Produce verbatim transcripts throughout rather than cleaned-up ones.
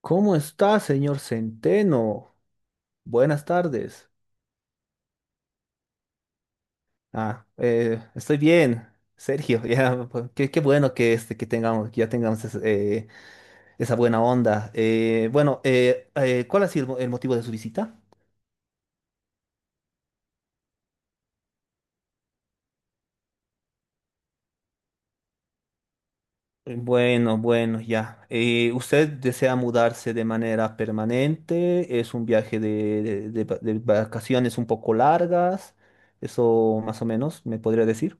¿Cómo está, señor Centeno? Buenas tardes. Ah, eh, estoy bien, Sergio. Ya, pues, qué, qué bueno que, este, que tengamos, que ya tengamos es- eh, esa buena onda. Eh, bueno, eh, eh, ¿cuál ha sido el mo- el motivo de su visita? Eh, Bueno, bueno, ya. Eh, ¿usted desea mudarse de manera permanente? ¿Es un viaje de, de de va- de vacaciones un poco largas? Eso más o menos, ¿me podría decir?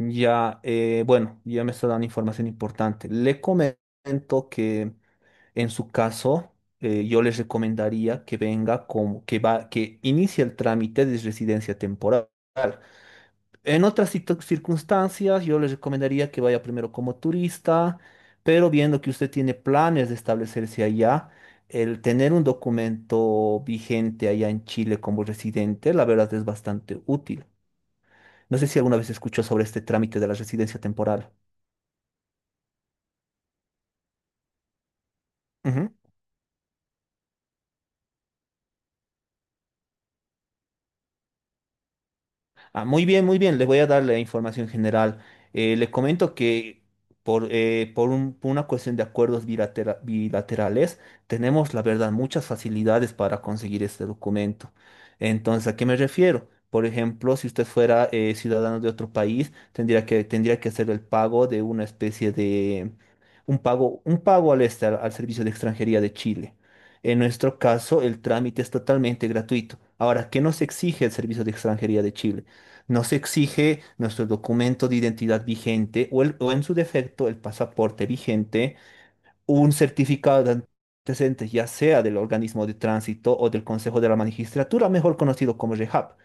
Ya, eh, bueno, ya me está dando información importante. Le comento que en su caso, eh, yo les recomendaría que venga como que va, que inicie el trámite de residencia temporal. En otras situ- circunstancias, yo les recomendaría que vaya primero como turista, pero viendo que usted tiene planes de establecerse allá, el tener un documento vigente allá en Chile como residente, la verdad es bastante útil. No sé si alguna vez escuchó sobre este trámite de la residencia temporal. Ujú. Ah, muy bien, muy bien. Les voy a dar la información general. Eh, les comento que por, eh, por un- por una cuestión de acuerdos bilatera- bilaterales, tenemos, la verdad, muchas facilidades para conseguir este documento. Entonces, ¿a qué me refiero? Por ejemplo, si usted fuera eh, ciudadano de otro país, tendría que, tendría que hacer el pago de una especie de, un pago, un pago al, este- al Servicio de Extranjería de Chile. En nuestro caso, el trámite es totalmente gratuito. Ahora, ¿qué nos exige el Servicio de Extranjería de Chile? No se exige nuestro documento de identidad vigente o, el- o en su defecto el pasaporte vigente, un certificado de antecedentes, ya sea del organismo de tránsito o del Consejo de la Magistratura, mejor conocido como REHAP.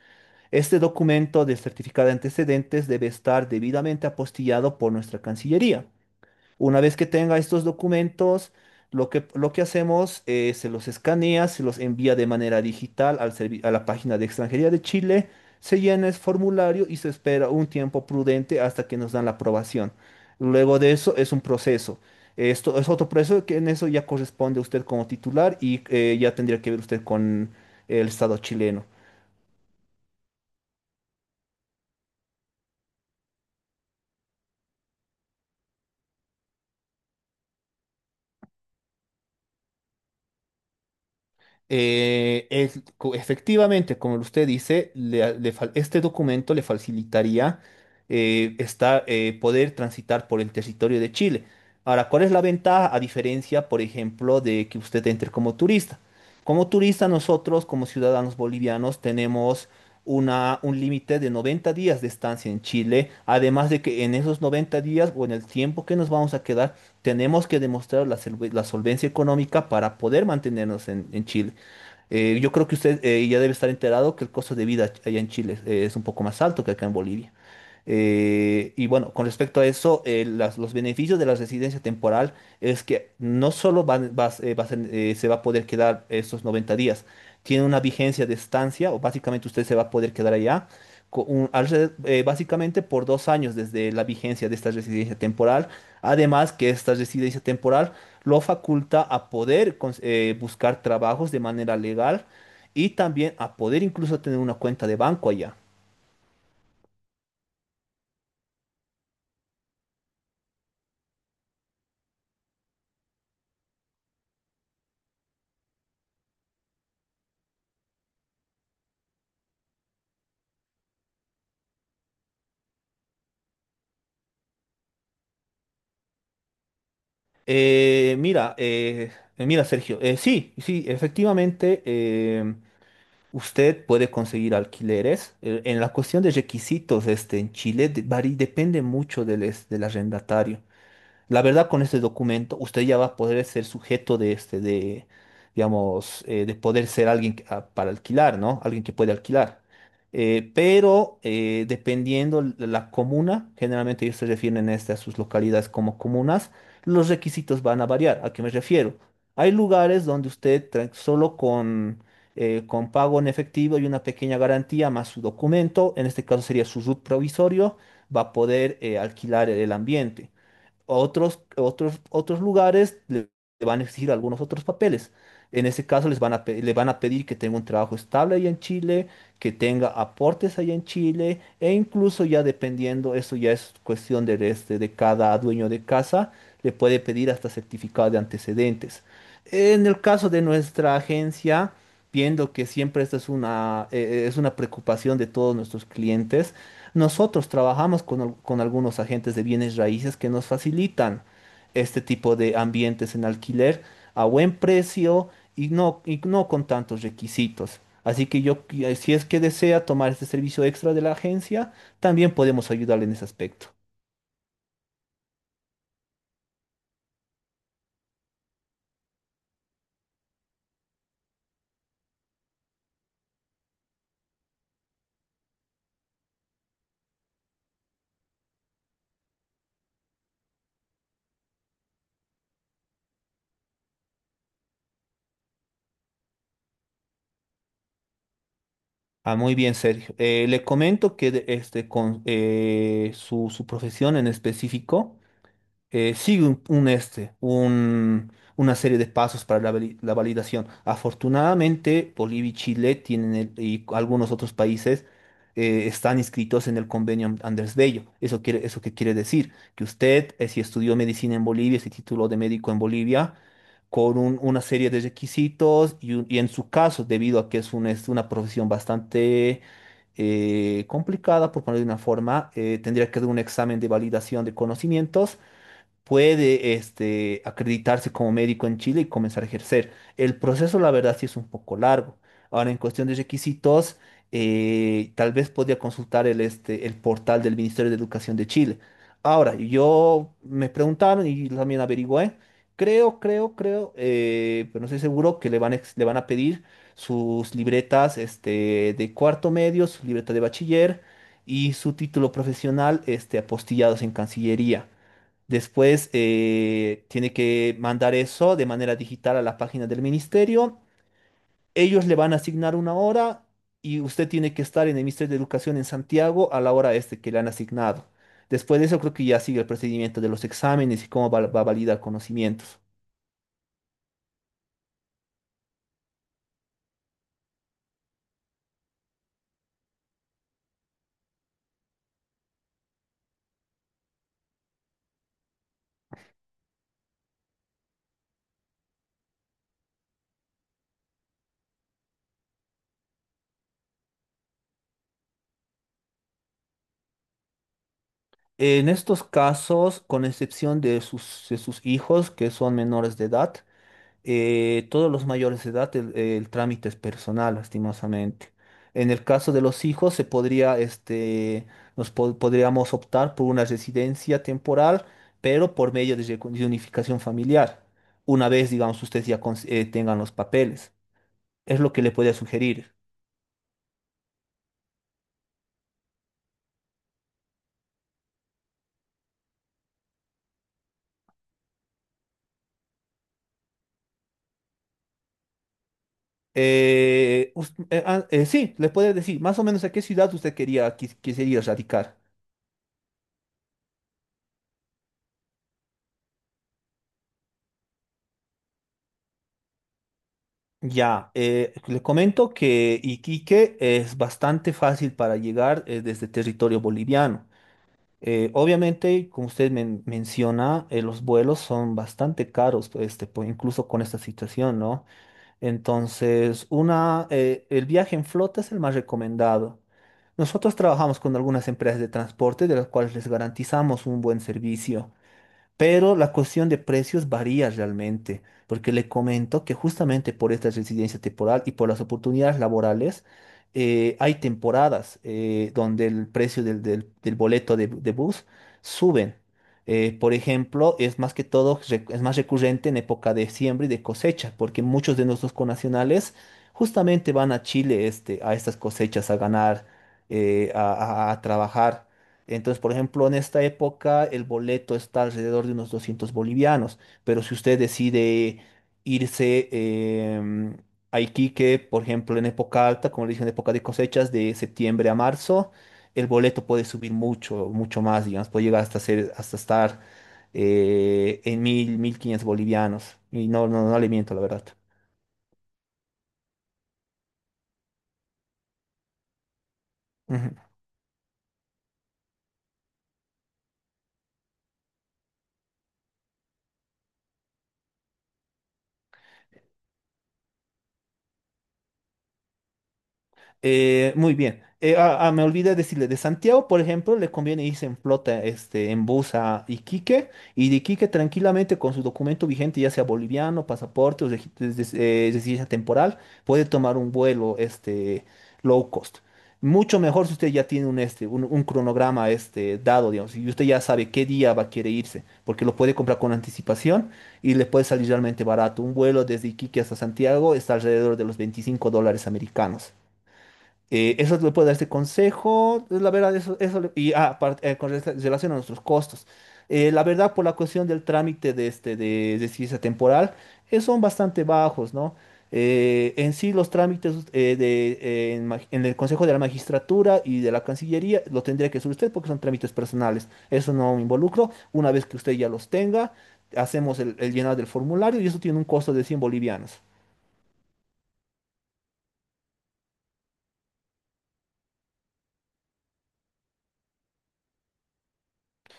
Este documento de certificado de antecedentes debe estar debidamente apostillado por nuestra Cancillería. Una vez que tenga estos documentos, lo que, lo que hacemos es se los escanea, se los envía de manera digital al servi- a la página de Extranjería de Chile, se llena el formulario y se espera un tiempo prudente hasta que nos dan la aprobación. Luego de eso es un proceso. Esto es otro proceso que en eso ya corresponde a usted como titular y eh, ya tendría que ver usted con el Estado chileno. Eh, es- co- efectivamente, como usted dice, le- le fal- este documento le facilitaría eh, esta- eh, poder transitar por el territorio de Chile. Ahora, ¿cuál es la ventaja a diferencia, por ejemplo, de que usted entre como turista? Como turista, nosotros, como ciudadanos bolivianos, tenemos una, un límite de noventa días de estancia en Chile, además de que en esos noventa días o en el tiempo que nos vamos a quedar, tenemos que demostrar la, solve- la solvencia económica para poder mantenernos en en Chile. Eh, yo creo que usted eh, ya debe estar enterado que el costo de vida allá en Chile eh, es un poco más alto que acá en Bolivia. Eh, y bueno, con respecto a eso, eh, las- los beneficios de la residencia temporal es que no solo van- vas- eh, vas en- eh, se va a poder quedar esos noventa días, tiene una vigencia de estancia o básicamente usted se va a poder quedar allá co- un- alre- eh, básicamente por dos años desde la vigencia de esta residencia temporal. Además que esta residencia temporal lo faculta a poder cons- eh, buscar trabajos de manera legal y también a poder incluso tener una cuenta de banco allá. Eh, mira, eh, mira, Sergio, eh, sí, sí, efectivamente, eh, usted puede conseguir alquileres. Eh, en la cuestión de requisitos, este, en Chile de- vari- depende mucho del, es- del arrendatario. La verdad, con este documento, usted ya va a poder ser sujeto de este, de, digamos, eh, de poder ser alguien que- ah, para alquilar, ¿no? Alguien que puede alquilar. Eh, pero eh, dependiendo la la comuna, generalmente ellos se refieren este, a sus localidades como comunas, los requisitos van a variar. ¿A qué me refiero? Hay lugares donde usted tra- solo con, eh, con pago en efectivo y una pequeña garantía más su documento, en este caso sería su RUT provisorio, va a poder eh, alquilar el ambiente. Otros, otros, otros lugares le le van a exigir algunos otros papeles. En ese caso les van a, pe- le van a pedir que tenga un trabajo estable allá en Chile, que tenga aportes allá en Chile, e incluso ya dependiendo, eso ya es cuestión de, este, de cada dueño de casa, le puede pedir hasta certificado de antecedentes. En el caso de nuestra agencia, viendo que siempre esta es una, eh, eh, es una preocupación de todos nuestros clientes, nosotros trabajamos con, al- con algunos agentes de bienes raíces que nos facilitan este tipo de ambientes en alquiler a buen precio y no, y no con tantos requisitos. Así que yo, qui- si es que desea tomar este servicio extra de la agencia, también podemos ayudarle en ese aspecto. Ah, muy bien, Sergio. Eh, le comento que de- este, con eh, su, su profesión en específico eh, sigue un, un este, un- una serie de pasos para la, vali- la validación. Afortunadamente, Bolivia y Chile tienen el- y algunos otros países eh, están inscritos en el convenio An- Andrés Bello. Eso quiere, eso qué quiere decir que usted, eh, si estudió medicina en Bolivia, se tituló de médico en Bolivia, con un- una serie de requisitos y, un- y en su caso, debido a que es, un- es una profesión bastante eh, complicada, por ponerlo de una forma, eh, tendría que dar un examen de validación de conocimientos puede este, acreditarse como médico en Chile y comenzar a ejercer. El proceso, la verdad, sí es un poco largo. Ahora, en cuestión de requisitos, eh, tal vez podría consultar el, este, el portal del Ministerio de Educación de Chile. Ahora, yo me preguntaron y también averigüé. Creo, creo, creo, eh, pero no estoy seguro que le van a, ex- le van a pedir sus libretas este, de cuarto medio, su libreta de bachiller y su título profesional este, apostillados en Cancillería. Después eh, tiene que mandar eso de manera digital a la página del ministerio. Ellos le van a asignar una hora y usted tiene que estar en el Ministerio de Educación en Santiago a la hora este que le han asignado. Después de eso creo que ya sigue el procedimiento de los exámenes y cómo va, va a validar conocimientos. En estos casos, con excepción de sus, de sus, hijos que son menores de edad, eh, todos los mayores de edad, el, el trámite es personal, lastimosamente. En el caso de los hijos, se podría, este, nos po- podríamos optar por una residencia temporal, pero por medio de, recu- de unificación familiar, una vez, digamos, ustedes ya cons- eh, tengan los papeles. Es lo que le podría sugerir. Eh, us- eh, ah, eh, sí, le puede decir más o menos a qué ciudad usted quería, quis- quisiera radicar. Ya, eh, le comento que Iquique es bastante fácil para llegar eh, desde territorio boliviano. Eh, obviamente, como usted men- menciona, eh, los vuelos son bastante caros, pues, este, po- incluso con esta situación, ¿no? Entonces, una, eh, el viaje en flota es el más recomendado. Nosotros trabajamos con algunas empresas de transporte de las cuales les garantizamos un buen servicio. Pero la cuestión de precios varía realmente, porque le comento que justamente por esta residencia temporal y por las oportunidades laborales, eh, hay temporadas eh, donde el precio del, del- del boleto de, de bus suben. Eh, por ejemplo, es más que todo, rec- es más recurrente en época de siembra y de cosecha, porque muchos de nuestros conacionales justamente van a Chile este, a estas cosechas a ganar, eh, a a- a trabajar. Entonces, por ejemplo, en esta época el boleto está alrededor de unos doscientos bolivianos, pero si usted decide irse em, a Iquique, por ejemplo, en época alta, como le dije, en época de cosechas, de septiembre a marzo, el boleto puede subir mucho, mucho más, digamos, puede llegar hasta ser, hasta estar eh, en mil, mil quinientos bolivianos. Y no, no, no le miento, la verdad. Ujú. Eh, muy bien. Eh, ah, ah, me olvidé decirle, de Santiago, por ejemplo, le conviene irse en flota, este, en bus a Iquique, y de Iquique tranquilamente con su documento vigente, ya sea boliviano, pasaporte o regi- des- des- eh, residencia temporal, puede tomar un vuelo, este, low cost. Mucho mejor si usted ya tiene un, este, un, un cronograma, este, dado, digamos, y usted ya sabe qué día va a querer irse, porque lo puede comprar con anticipación y le puede salir realmente barato. Un vuelo desde Iquique hasta Santiago está alrededor de los veinticinco dólares americanos. Eh, eso le puede dar este consejo, es la verdad, eso, eso le- y ah, aparte, eh, con rela- relación a nuestros costos. Eh, la verdad, por la cuestión del trámite de, este, de, de ciencia temporal, eh, son bastante bajos, ¿no? Eh, en sí, los trámites eh, de, eh, en, ma- en el Consejo de la Magistratura y de la Cancillería lo tendría que hacer usted porque son trámites personales. Eso no me involucro. Una vez que usted ya los tenga, hacemos el, el llenado del formulario y eso tiene un costo de cien bolivianos.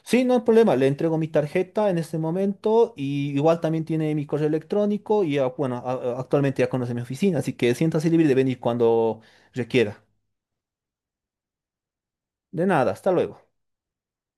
Sí, no hay problema, le entrego mi tarjeta en este momento y igual también tiene mi correo electrónico y ah, bueno, a- a- actualmente ya conoce mi oficina, así que siéntase libre de venir cuando requiera. De nada, hasta luego.